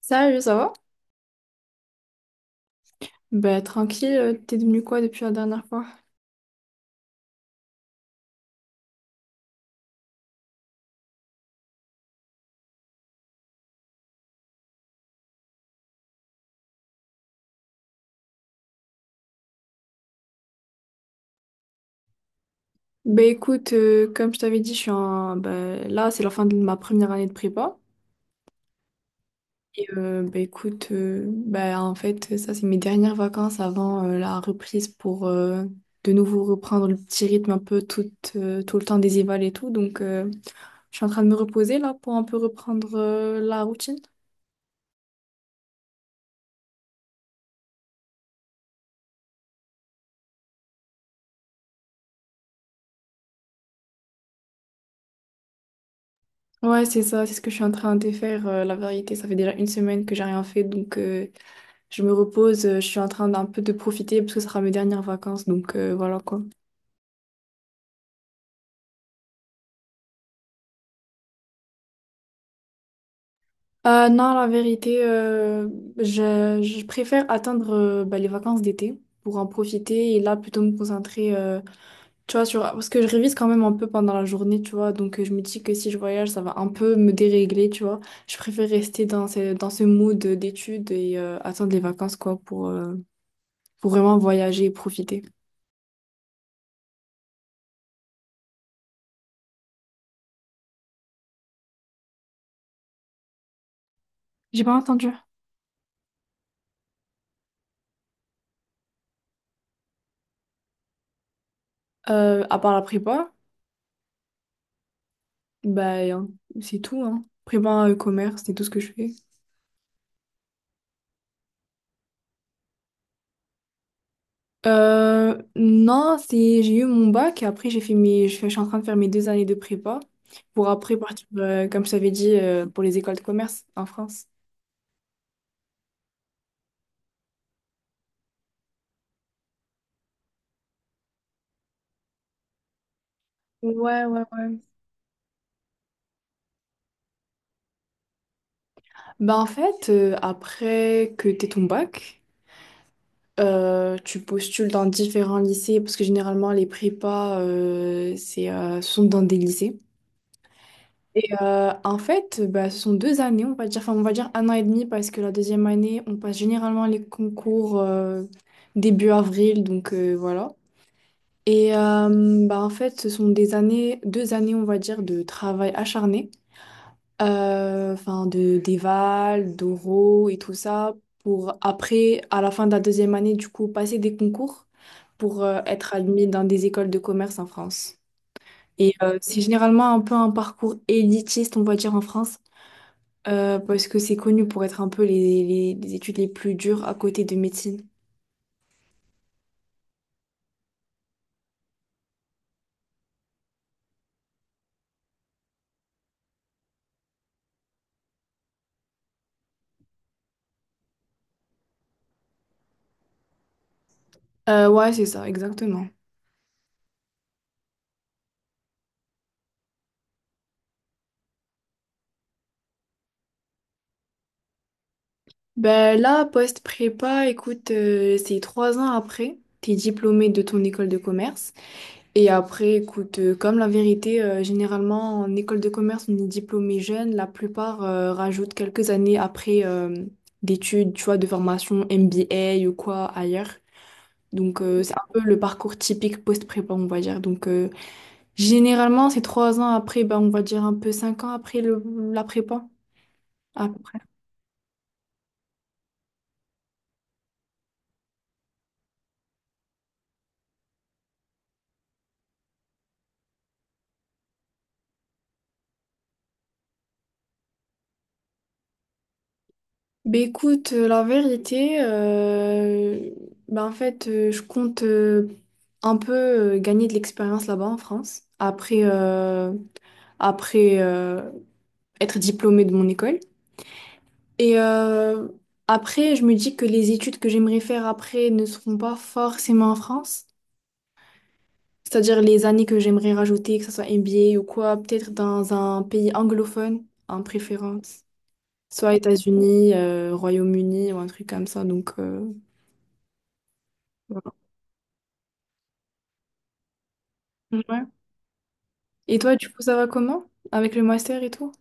Salut, ça va? Bah tranquille, t'es devenu quoi depuis la dernière fois? Bah écoute, comme je t'avais dit, bah, là c'est la fin de ma première année de prépa. Et bah écoute, bah en fait ça c'est mes dernières vacances avant la reprise pour de nouveau reprendre le petit rythme un peu tout, tout le temps des évals et tout. Donc je suis en train de me reposer là pour un peu reprendre la routine. Ouais, c'est ça, c'est ce que je suis en train de faire. La vérité, ça fait déjà une semaine que j'ai rien fait, donc je me repose, je suis en train d'un peu de profiter parce que ce sera mes dernières vacances, donc voilà quoi. Non, la vérité, je préfère attendre bah, les vacances d'été pour en profiter et là plutôt me concentrer, tu vois, parce que je révise quand même un peu pendant la journée, tu vois, donc je me dis que si je voyage, ça va un peu me dérégler, tu vois. Je préfère rester dans ce mood d'études et attendre les vacances, quoi, pour vraiment voyager et profiter. J'ai pas entendu. À part la prépa. Bah, hein, c'est tout, hein. Prépa commerce, c'est tout ce que je fais. Non, c'est, j'ai eu mon bac et après, j'ai fait mes, je fais- je suis en train de faire mes 2 années de prépa pour après partir, comme je t'avais dit, pour les écoles de commerce en France. Ouais, ouais, ouais. Bah, en fait, après que t'aies ton bac, tu postules dans différents lycées parce que généralement, les prépas, sont dans des lycées. En fait, bah, ce sont 2 années, on va dire, enfin, on va dire un an et demi, parce que la deuxième année, on passe généralement les concours début avril, donc voilà. Et bah, en fait, ce sont des années, 2 années, on va dire, de travail acharné, enfin, de d'éval, d'oraux et tout ça, pour après, à la fin de la deuxième année, du coup, passer des concours pour être admis dans des écoles de commerce en France. Et c'est généralement un peu un parcours élitiste, on va dire, en France. Parce que c'est connu pour être un peu les études les plus dures à côté de médecine. Ouais, c'est ça, exactement. Ben là, post-prépa, écoute, c'est 3 ans après, t'es diplômé de ton école de commerce. Et après, écoute, comme la vérité, généralement, en école de commerce, on est diplômé jeune. La plupart rajoutent quelques années après d'études, tu vois, de formation MBA ou quoi ailleurs. Donc, c'est un peu le parcours typique post-prépa, on va dire. Donc, généralement, c'est trois ans après, bah, on va dire un peu 5 ans après la prépa, à peu près. Bah, écoute, la vérité, bah, en fait, je compte un peu gagner de l'expérience là-bas en France, après être diplômée de mon école. Et après, je me dis que les études que j'aimerais faire après ne seront pas forcément en France. C'est-à-dire les années que j'aimerais rajouter, que ce soit MBA ou quoi, peut-être dans un pays anglophone en préférence, soit États-Unis, Royaume-Uni ou un truc comme ça. Donc voilà. Ouais. Et toi, du coup, ça va comment? Avec le master et tout?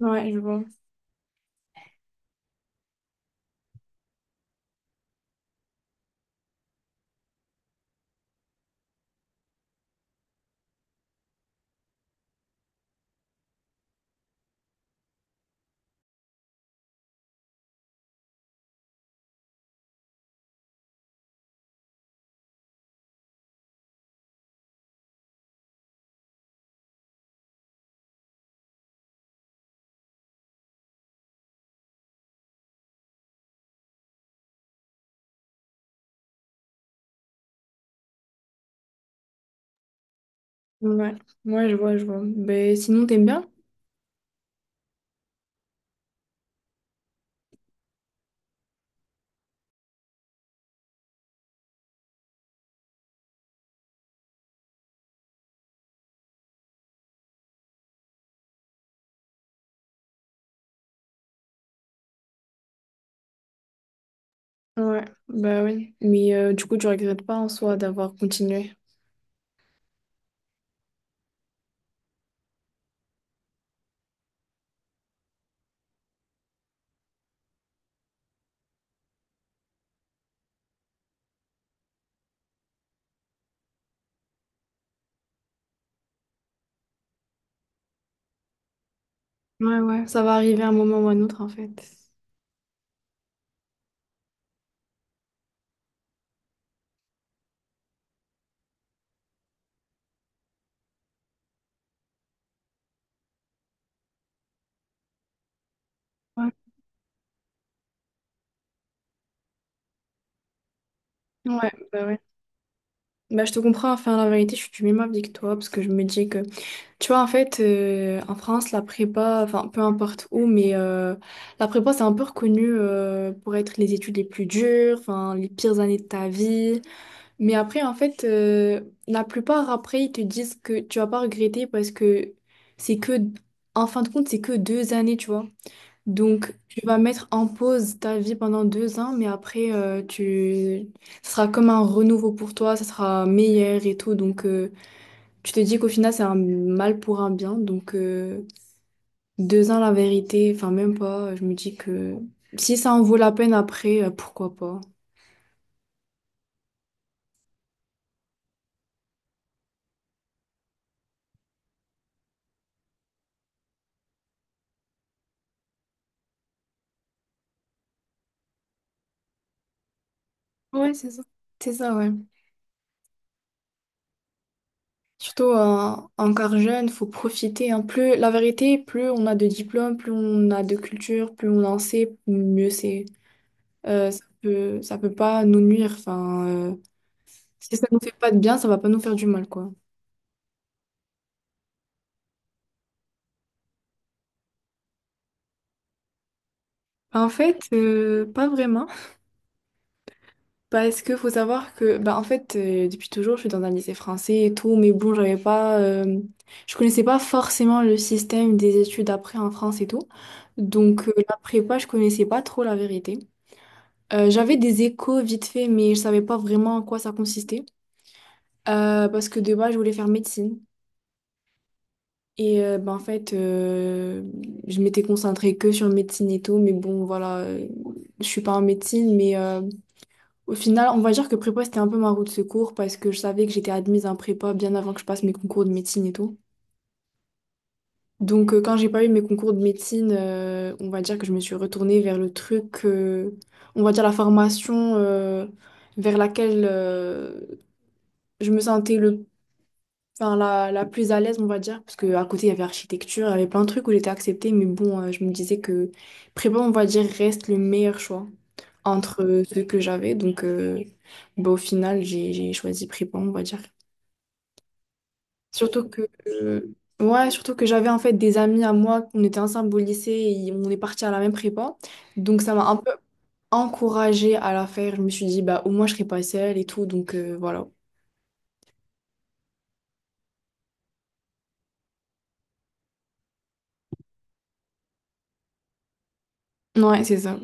Ouais, je vois. Ouais, ouais, je vois, je vois. Ben, sinon, t'aimes bien? Ouais, bah oui. Mais du coup, tu regrettes pas en soi d'avoir continué. Ouais, ouais, ça va arriver un moment ou un autre en fait. Ouais, ouais. Bah je te comprends, enfin la vérité, je suis du même avis que toi, parce que je me dis que tu vois, en fait, en France, la prépa, enfin, peu importe où, mais la prépa, c'est un peu reconnu pour être les études les plus dures, enfin, les pires années de ta vie. Mais après, en fait, la plupart, après, ils te disent que tu vas pas regretter parce que c'est que, en fin de compte, c'est que 2 années, tu vois. Donc, tu vas mettre en pause ta vie pendant 2 ans, mais après, ça sera comme un renouveau pour toi, ça sera meilleur et tout, donc tu te dis qu'au final, c'est un mal pour un bien. Donc, 2 ans, la vérité, enfin, même pas. Je me dis que si ça en vaut la peine après, pourquoi pas. Ouais, c'est ça. C'est ça, ouais. Surtout en encore jeune, faut profiter, hein. Plus, la vérité, plus on a de diplômes, plus on a de culture, plus on en sait, mieux c'est. Ça peut pas nous nuire. Enfin, si ça nous fait pas de bien, ça va pas nous faire du mal, quoi. En fait, pas vraiment. Parce que faut savoir que, bah, en fait, depuis toujours, je suis dans un lycée français et tout, mais bon, j'avais pas, je connaissais pas forcément le système des études après en France et tout. Donc, la prépa, je connaissais pas trop la vérité. J'avais des échos vite fait, mais je savais pas vraiment en quoi ça consistait. Parce que de base, je voulais faire médecine. Et bah, en fait, je m'étais concentrée que sur médecine et tout, mais bon, voilà, je suis pas en médecine, au final, on va dire que prépa, c'était un peu ma roue de secours parce que je savais que j'étais admise en prépa bien avant que je passe mes concours de médecine et tout. Donc, quand j'ai pas eu mes concours de médecine, on va dire que je me suis retournée vers le truc, on va dire la formation vers laquelle je me sentais le enfin, la plus à l'aise, on va dire, parce que à côté, il y avait architecture, il y avait plein de trucs où j'étais acceptée, mais bon, je me disais que prépa, on va dire, reste le meilleur choix entre ceux que j'avais. Donc, bah, au final, j'ai choisi prépa, on va dire. Surtout que, euh, ouais, surtout que j'avais en fait des amis à moi, on était ensemble au lycée et on est partis à la même prépa. Donc, ça m'a un peu encouragée à la faire. Je me suis dit, bah, au moins, je serai pas seule et tout. Donc, voilà. Ouais, c'est ça.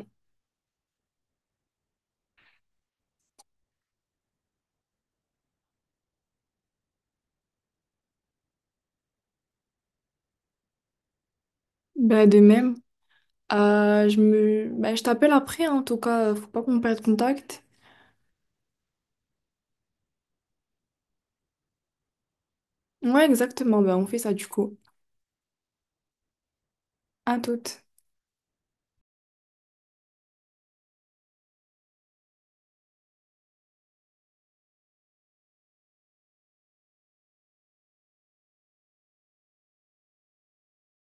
Bah, de même. Bah, je t'appelle après, hein, en tout cas, faut pas qu'on perde contact. Ouais, exactement, bah, on fait ça du coup. À toute.